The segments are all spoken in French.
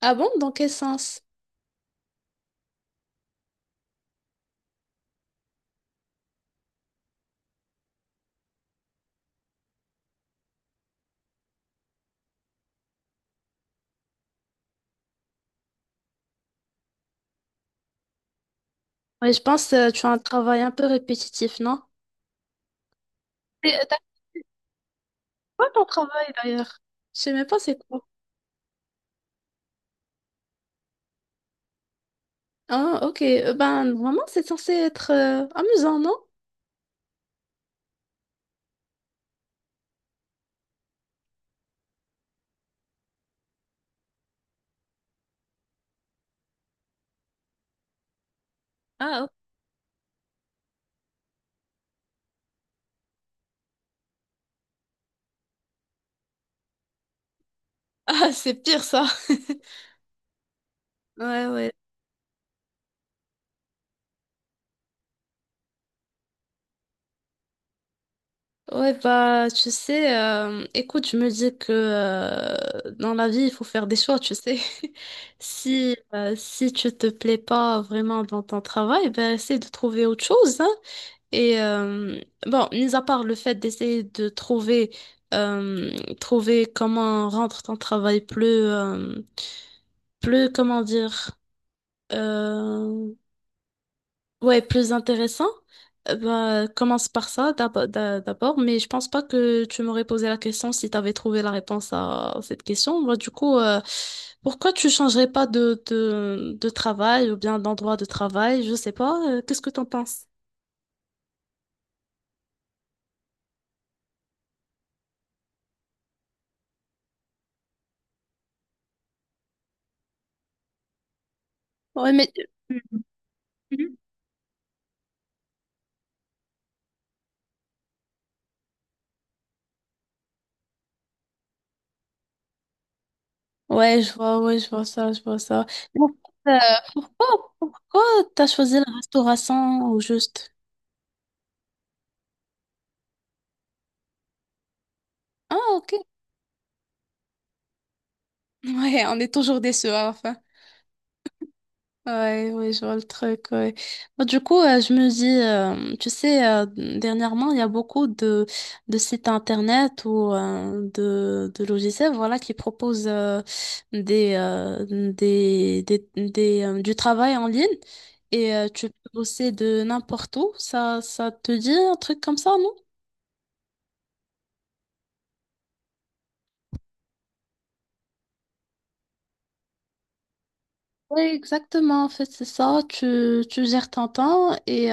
Ah bon? Dans quel sens? Oui, je pense que tu as un travail un peu répétitif, non? T'as fait quoi ton travail d'ailleurs? Je sais même pas c'est quoi. Ah, ok. Ben, vraiment, c'est censé être amusant, non? Ah, ok. Ah, c'est pire ça. Ouais, ouais. Ouais, bah, tu sais, écoute, je me dis que dans la vie, il faut faire des choix, tu sais. Si tu te plais pas vraiment dans ton travail, ben, essaie de trouver autre chose, hein. Et euh, bon, mis à part le fait d'essayer de trouver, euh, trouver comment rendre ton travail plus, plus, comment dire, euh, ouais, plus intéressant, bah, commence par ça d'abord, mais je pense pas que tu m'aurais posé la question si tu avais trouvé la réponse à cette question. Bah, du coup, pourquoi tu changerais pas de travail ou bien d'endroit de travail? Je sais pas, qu'est-ce que t'en penses? Ouais, mais mhm. Ouais, je vois ça, je vois ça. Mais en fait, pourquoi, pourquoi t'as choisi la restauration au juste? Ah, ok. Ouais, on est toujours déçus à la fin. Ouais, ouais, je vois le truc, ouais. Bah, du coup, je me dis, tu sais, dernièrement, il y a beaucoup de sites internet ou de logiciels, voilà, qui proposent des, euh, du travail en ligne et tu peux bosser de n'importe où. Ça te dit un truc comme ça, non? Oui, exactement, en fait, c'est ça. Tu gères ton temps et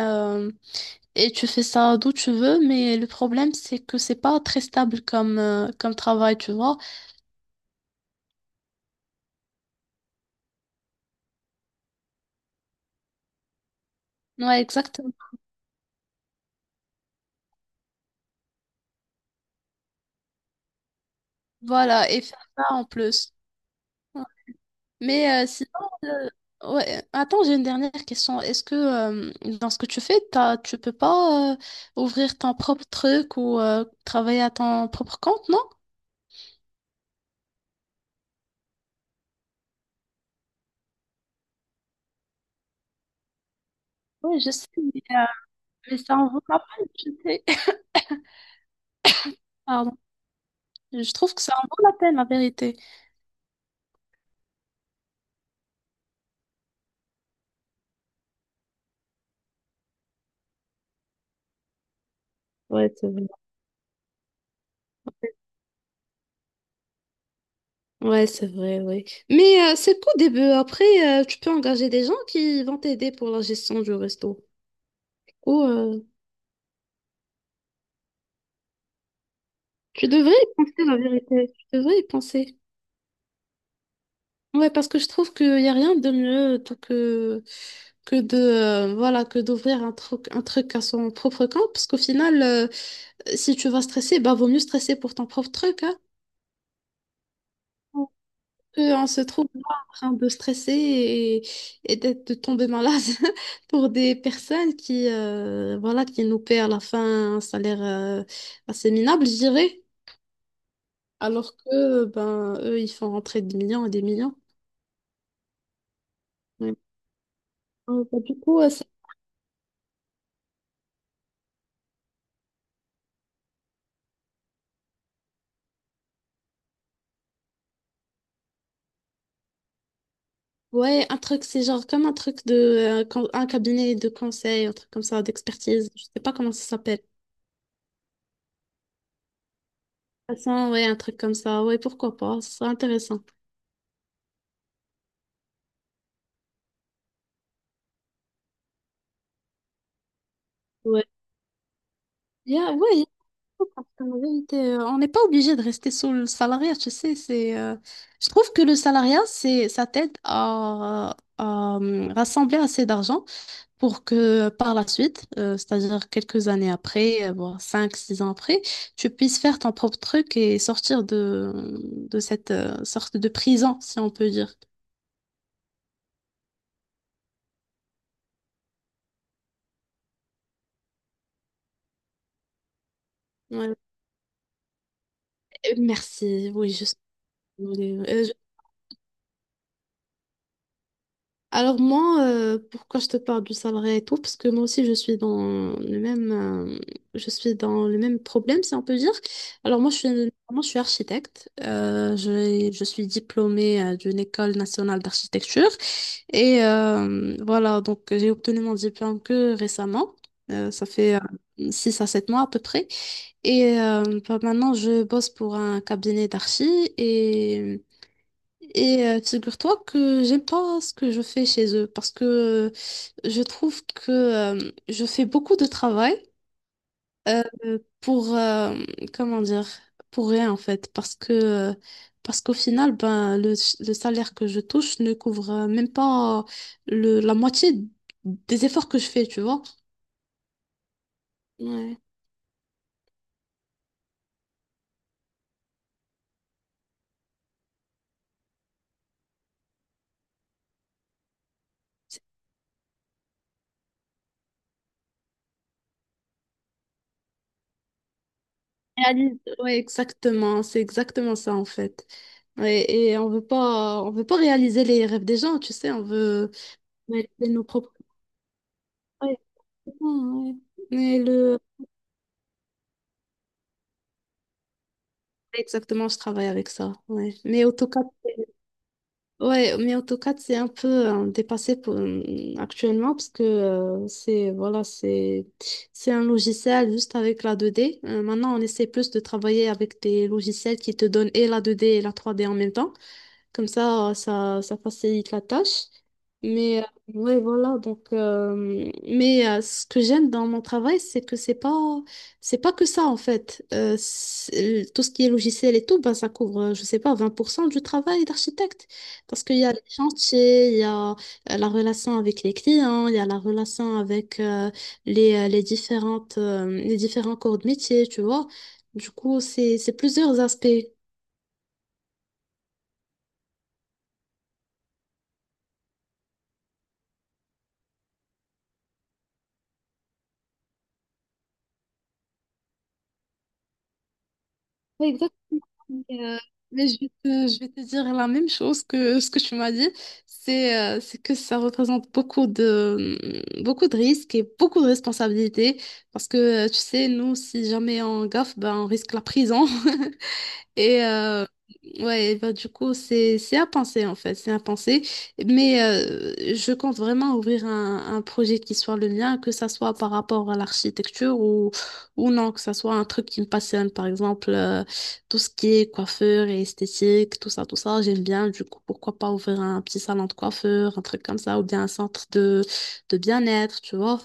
Et tu fais ça d'où tu veux, mais le problème, c'est que c'est pas très stable comme, comme travail, tu vois. Ouais, exactement. Voilà, et faire ça en plus. Ouais. Mais sinon, euh, ouais. Attends, j'ai une dernière question. Est-ce que dans ce que tu fais, t'as, tu peux pas ouvrir ton propre truc ou travailler à ton propre compte, non? Oui, je sais, mais ça en vaut la peine, tu sais. Pardon. Je trouve que ça en vaut la peine, la vérité. Ouais, c'est vrai. Ouais, c'est vrai, oui. Mais c'est qu'au début. Après, tu peux engager des gens qui vont t'aider pour la gestion du resto. Ou tu devrais y penser, la vérité. Tu devrais y penser. Ouais, parce que je trouve qu'il n'y a rien de mieux tout que de voilà que d'ouvrir un truc à son propre compte. Parce qu'au final, si tu vas stresser, bah vaut mieux stresser pour ton propre truc, hein. On se trouve là en train de stresser et d'être de tomber malade pour des personnes qui, voilà, qui nous paient à la fin un salaire assez minable, je dirais, alors que ben, eux, ils font rentrer des millions et des millions. Ouais. Bah, du coup, ça- ouais, un truc, c'est genre comme un truc de un cabinet de conseil, un truc comme ça, d'expertise, je sais pas comment ça s'appelle. De toute façon, ouais, un truc comme ça, ouais, pourquoi pas, ce serait intéressant. Ouais, ouais, parce qu'en vérité, on n'est pas obligé de rester sur le salariat, tu sais, c'est, je trouve que le salariat, c'est, ça t'aide à, rassembler assez d'argent pour que par la suite, c'est-à-dire quelques années après, voire 5 6 ans après, tu puisses faire ton propre truc et sortir de cette sorte de prison, si on peut dire. Ouais. Merci, oui, je suis désolée. Alors moi, pourquoi je te parle du salariat et tout, parce que moi aussi je suis dans le même, je suis dans le même problème, si on peut dire. Alors moi, je suis architecte. Je suis diplômée d'une école nationale d'architecture et voilà, donc j'ai obtenu mon diplôme que récemment. Ça fait 6 à 7 mois à peu près. Et bah, maintenant, je bosse pour un cabinet d'archi et. Et figure-toi que j'aime pas ce que je fais chez eux parce que je trouve que je fais beaucoup de travail euh, pour comment dire pour rien en fait parce que parce qu'au final ben le salaire que je touche ne couvre même pas le, la moitié des efforts que je fais tu vois. Ouais. Réalise- ouais, exactement, c'est exactement ça en fait. Ouais, et on veut pas réaliser les rêves des gens, tu sais, on veut, mais de nos propres. Ouais, ouais. Mais le... Exactement, je travaille avec ça. Ouais. Mais AutoCAD, ouais, mais AutoCAD, c'est un peu dépassé pour, actuellement parce que c'est voilà, c'est un logiciel juste avec la deux d. Maintenant, on essaie plus de travailler avec des logiciels qui te donnent et la deux d et la trois d en même temps. Comme ça, ça, ça facilite la tâche. Mais ouais, voilà. Donc, mais ce que j'aime dans mon travail, c'est que c'est pas que ça en fait. C'est- tout ce qui est logiciel et tout, ben, ça couvre, je sais pas, 20% du travail d'architecte. Parce qu'il y a les chantiers, il y a la relation avec les clients, il y a la relation avec les différentes, les différents corps de métier, tu vois. Du coup, c'est plusieurs aspects. Ouais, exactement. Mais, euh, mais je vais te dire la même chose que ce que tu m'as dit, c'est que ça représente beaucoup de, mm, beaucoup de risques et beaucoup de responsabilités parce que, tu sais, nous, si jamais on gaffe, ben, on risque la prison. Et ouais, bah, du coup, c'est à penser en fait, c'est à penser. Mais je compte vraiment ouvrir un projet qui soit le mien, que ça soit par rapport à l'architecture ou non, que ça soit un truc qui me passionne, par exemple, tout ce qui est coiffeur et esthétique, tout ça, j'aime bien. Du coup, pourquoi pas ouvrir un petit salon de coiffeur, un truc comme ça, ou bien un centre de bien-être, tu vois.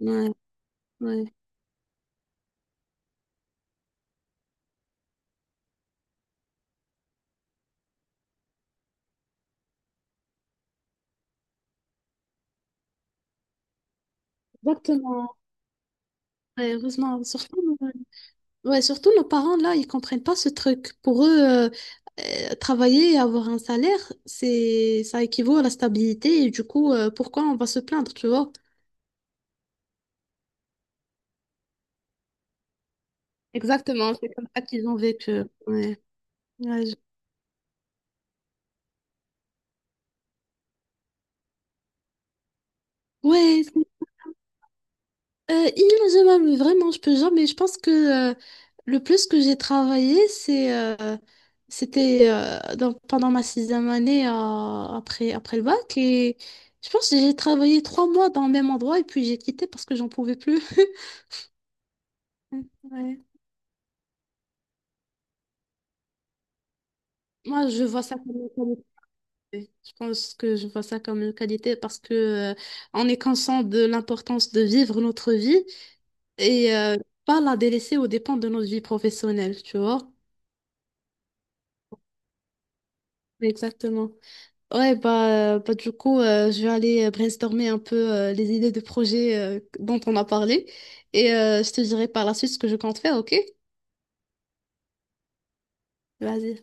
Ouais, ouais. Exactement. Ouais, heureusement, surtout. Euh, ouais, surtout nos parents, là, ils comprennent pas ce truc. Pour eux, euh, travailler et avoir un salaire, c'est, ça équivaut à la stabilité. Et du coup, pourquoi on va se plaindre, tu vois? Exactement, c'est comme ça qu'ils ont vécu. Ouais, ouais, je- ouais, c'est- inimaginable, mais vraiment, je peux jamais. Je pense que le plus que j'ai travaillé, c'est, c'était pendant ma sixième année après, après le bac. Et je pense que j'ai travaillé 3 mois dans le même endroit et puis j'ai quitté parce que j'en pouvais plus. Ouais. Moi, je vois ça comme une qualité. Je pense que je vois ça comme une qualité parce que euh, on est conscient de l'importance de vivre notre vie et pas la délaisser aux dépens de notre vie professionnelle, tu vois? Exactement. Ouais, bah, bah du coup, je vais aller brainstormer un peu les idées de projets dont on a parlé et je te dirai par la suite ce que je compte faire, ok? Vas-y.